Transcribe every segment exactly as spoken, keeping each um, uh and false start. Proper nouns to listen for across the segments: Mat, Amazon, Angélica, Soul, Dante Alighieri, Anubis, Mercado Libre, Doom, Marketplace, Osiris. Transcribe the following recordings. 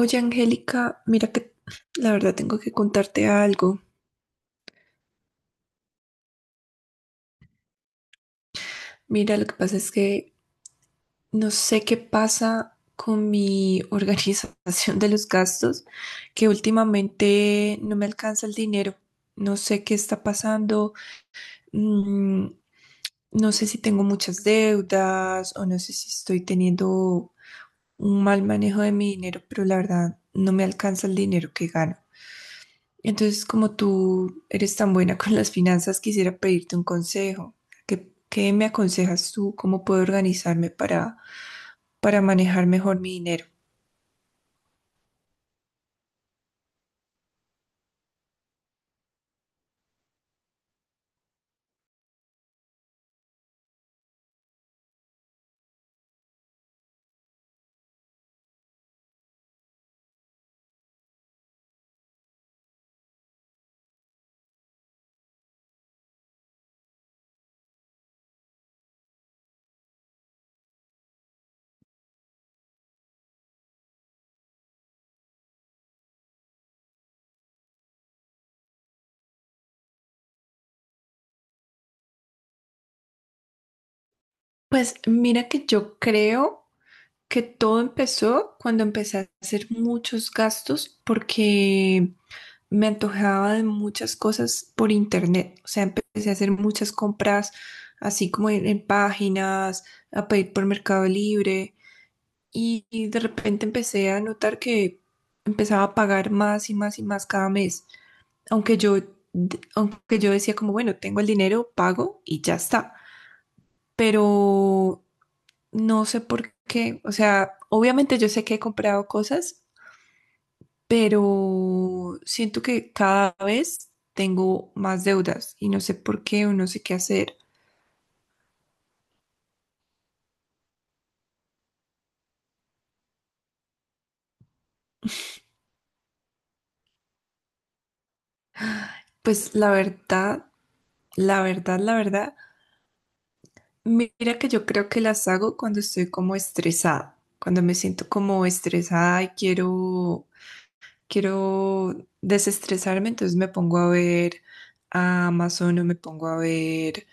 Oye, Angélica, mira que la verdad tengo que contarte algo. Mira, lo que pasa es que no sé qué pasa con mi organización de los gastos, que últimamente no me alcanza el dinero. No sé qué está pasando. mm, no sé si tengo muchas deudas o no sé si estoy teniendo un mal manejo de mi dinero, pero la verdad no me alcanza el dinero que gano. Entonces, como tú eres tan buena con las finanzas, quisiera pedirte un consejo. ¿Qué, qué me aconsejas tú? ¿Cómo puedo organizarme para, para manejar mejor mi dinero? Pues mira que yo creo que todo empezó cuando empecé a hacer muchos gastos porque me antojaba de muchas cosas por internet. O sea, empecé a hacer muchas compras así como en, en páginas, a pedir por Mercado Libre y y de repente empecé a notar que empezaba a pagar más y más y más cada mes, aunque yo, aunque yo decía como, bueno, tengo el dinero, pago y ya está, pero no sé por qué, o sea, obviamente yo sé que he comprado cosas, pero siento que cada vez tengo más deudas y no sé por qué o no sé qué hacer. Pues la verdad, la verdad, la verdad. Mira que yo creo que las hago cuando estoy como estresada, cuando me siento como estresada y quiero, quiero desestresarme, entonces me pongo a ver a Amazon o me pongo a ver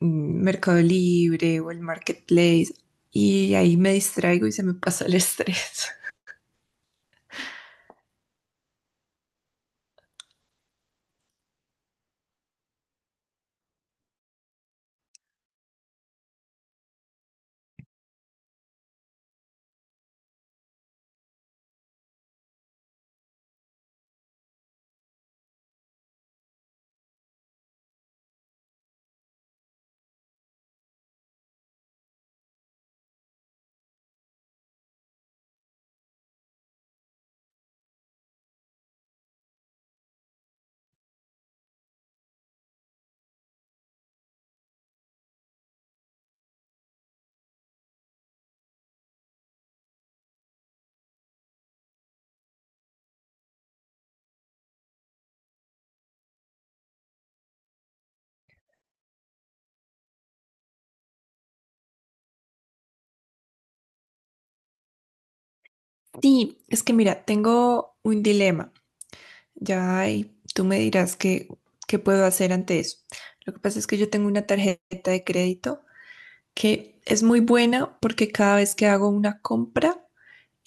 mm, Mercado Libre o el Marketplace y ahí me distraigo y se me pasa el estrés. Sí, es que mira, tengo un dilema, ya y tú me dirás qué, qué puedo hacer ante eso. Lo que pasa es que yo tengo una tarjeta de crédito que es muy buena porque cada vez que hago una compra,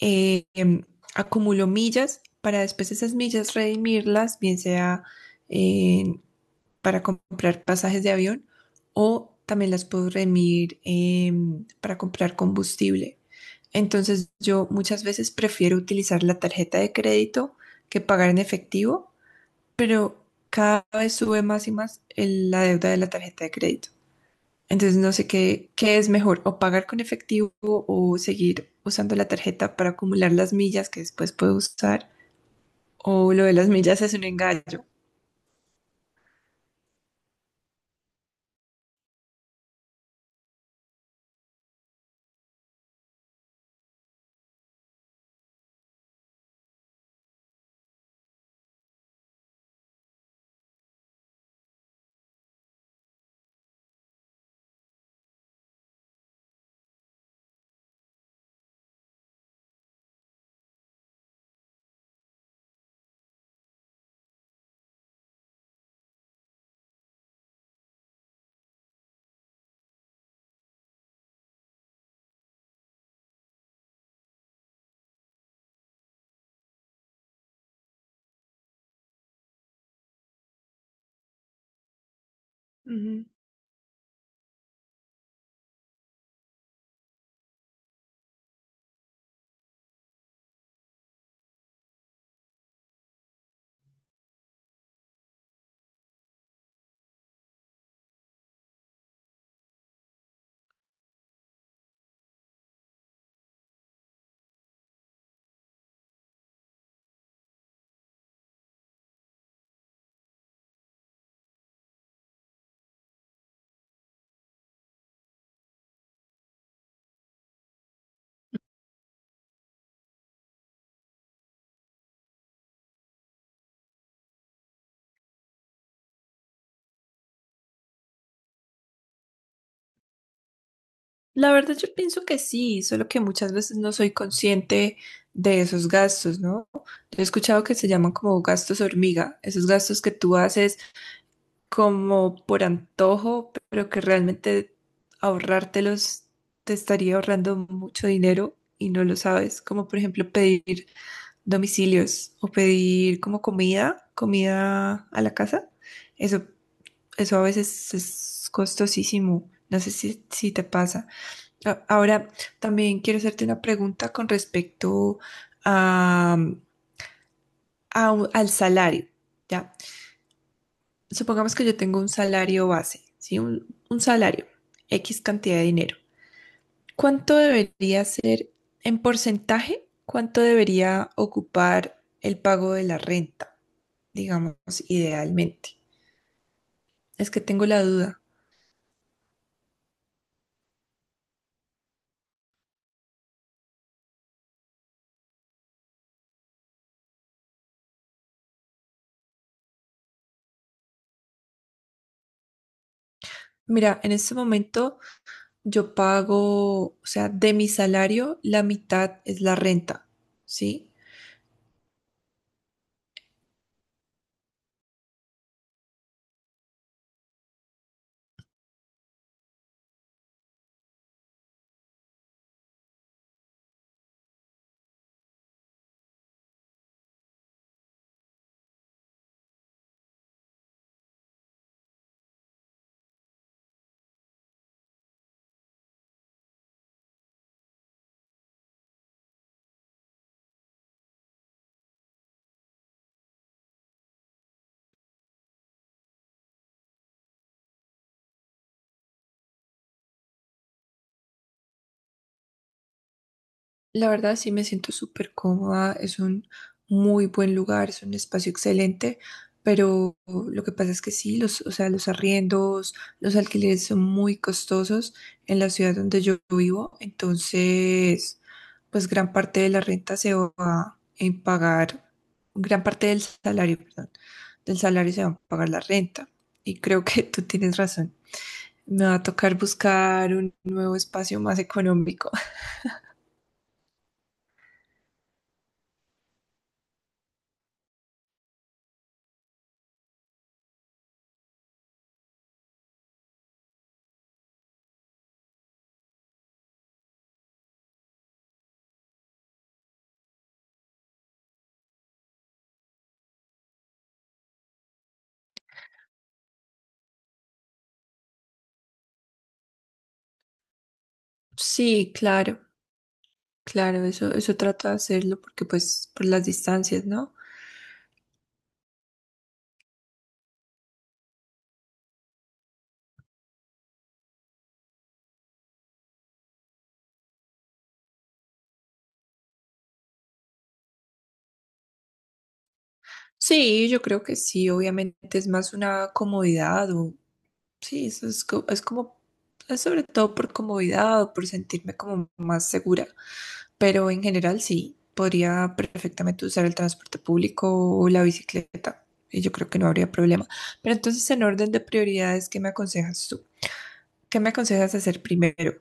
eh, em, acumulo millas para después esas millas redimirlas, bien sea eh, para comprar pasajes de avión o también las puedo redimir em, para comprar combustible. Entonces yo muchas veces prefiero utilizar la tarjeta de crédito que pagar en efectivo, pero cada vez sube más y más el- la deuda de la tarjeta de crédito. Entonces no sé qué, qué es mejor, o pagar con efectivo o seguir usando la tarjeta para acumular las millas que después puedo usar, o lo de las millas es un engaño. Ujú. La verdad yo pienso que sí, solo que muchas veces no soy consciente de esos gastos, ¿no? Yo he escuchado que se llaman como gastos hormiga, esos gastos que tú haces como por antojo, pero que realmente ahorrártelos te estaría ahorrando mucho dinero y no lo sabes, como por ejemplo pedir domicilios o pedir como comida, comida a la casa. Eso, eso a veces es costosísimo. No sé si, si te pasa. A- Ahora, también quiero hacerte una pregunta con respecto a, a un- al salario, ¿ya? Supongamos que yo tengo un salario base, ¿sí? Un, un salario, X cantidad de dinero. ¿Cuánto debería ser en porcentaje? ¿Cuánto debería ocupar el pago de la renta? Digamos, idealmente. Es que tengo la duda. Mira, en este momento yo pago, o sea, de mi salario, la mitad es la renta, ¿sí? La verdad sí me siento súper cómoda, es un muy buen lugar, es un espacio excelente, pero lo que pasa es que sí, los, o sea, los arriendos, los alquileres son muy costosos en la ciudad donde yo vivo, entonces pues gran parte de la renta se va en pagar, gran parte del salario, perdón, del salario se va a pagar la renta y creo que tú tienes razón. Me va a tocar buscar un nuevo espacio más económico. Sí, claro. Claro, eso, eso trato de hacerlo porque pues por las distancias, ¿no? Sí, yo creo que sí, obviamente es más una comodidad o sí, eso es, co- es como, es sobre todo por comodidad o por sentirme como más segura, pero en general sí, podría perfectamente usar el transporte público o la bicicleta y yo creo que no habría problema. Pero entonces en orden de prioridades, ¿qué me aconsejas tú? ¿Qué me aconsejas hacer primero?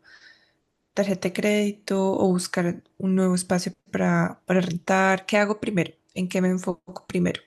Tarjeta de crédito o buscar un nuevo espacio para, para rentar. ¿Qué hago primero? ¿En qué me enfoco primero?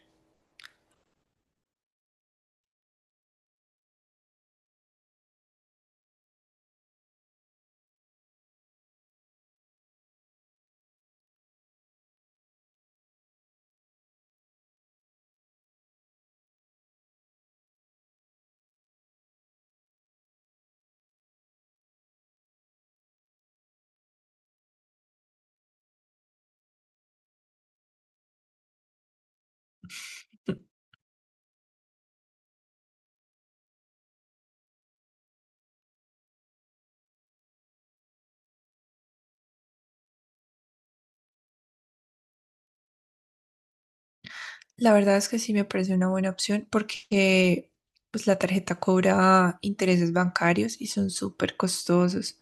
La verdad es que sí me parece una buena opción porque pues la tarjeta cobra intereses bancarios y son súper costosos.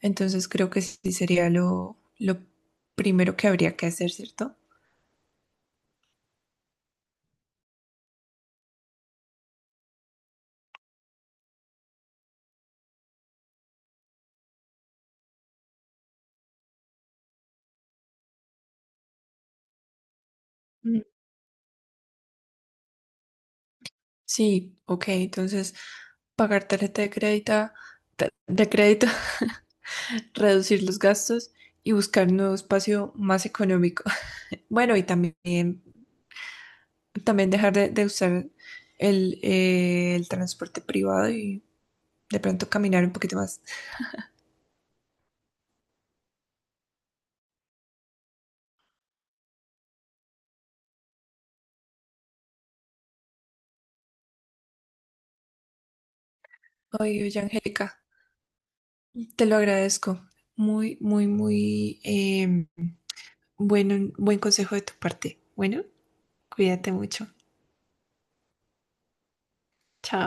Entonces creo que sí sería lo, lo primero que habría que hacer, ¿cierto? Mm. Sí, ok, entonces pagar tarjeta de crédito, de crédito, reducir los gastos y buscar un nuevo espacio más económico. Bueno, y también, también dejar de, de usar el, eh, el transporte privado y de pronto caminar un poquito más. Oye, oye, Angélica, te lo agradezco. Muy, muy, muy eh, bueno, buen consejo de tu parte. Bueno, cuídate mucho. Chao.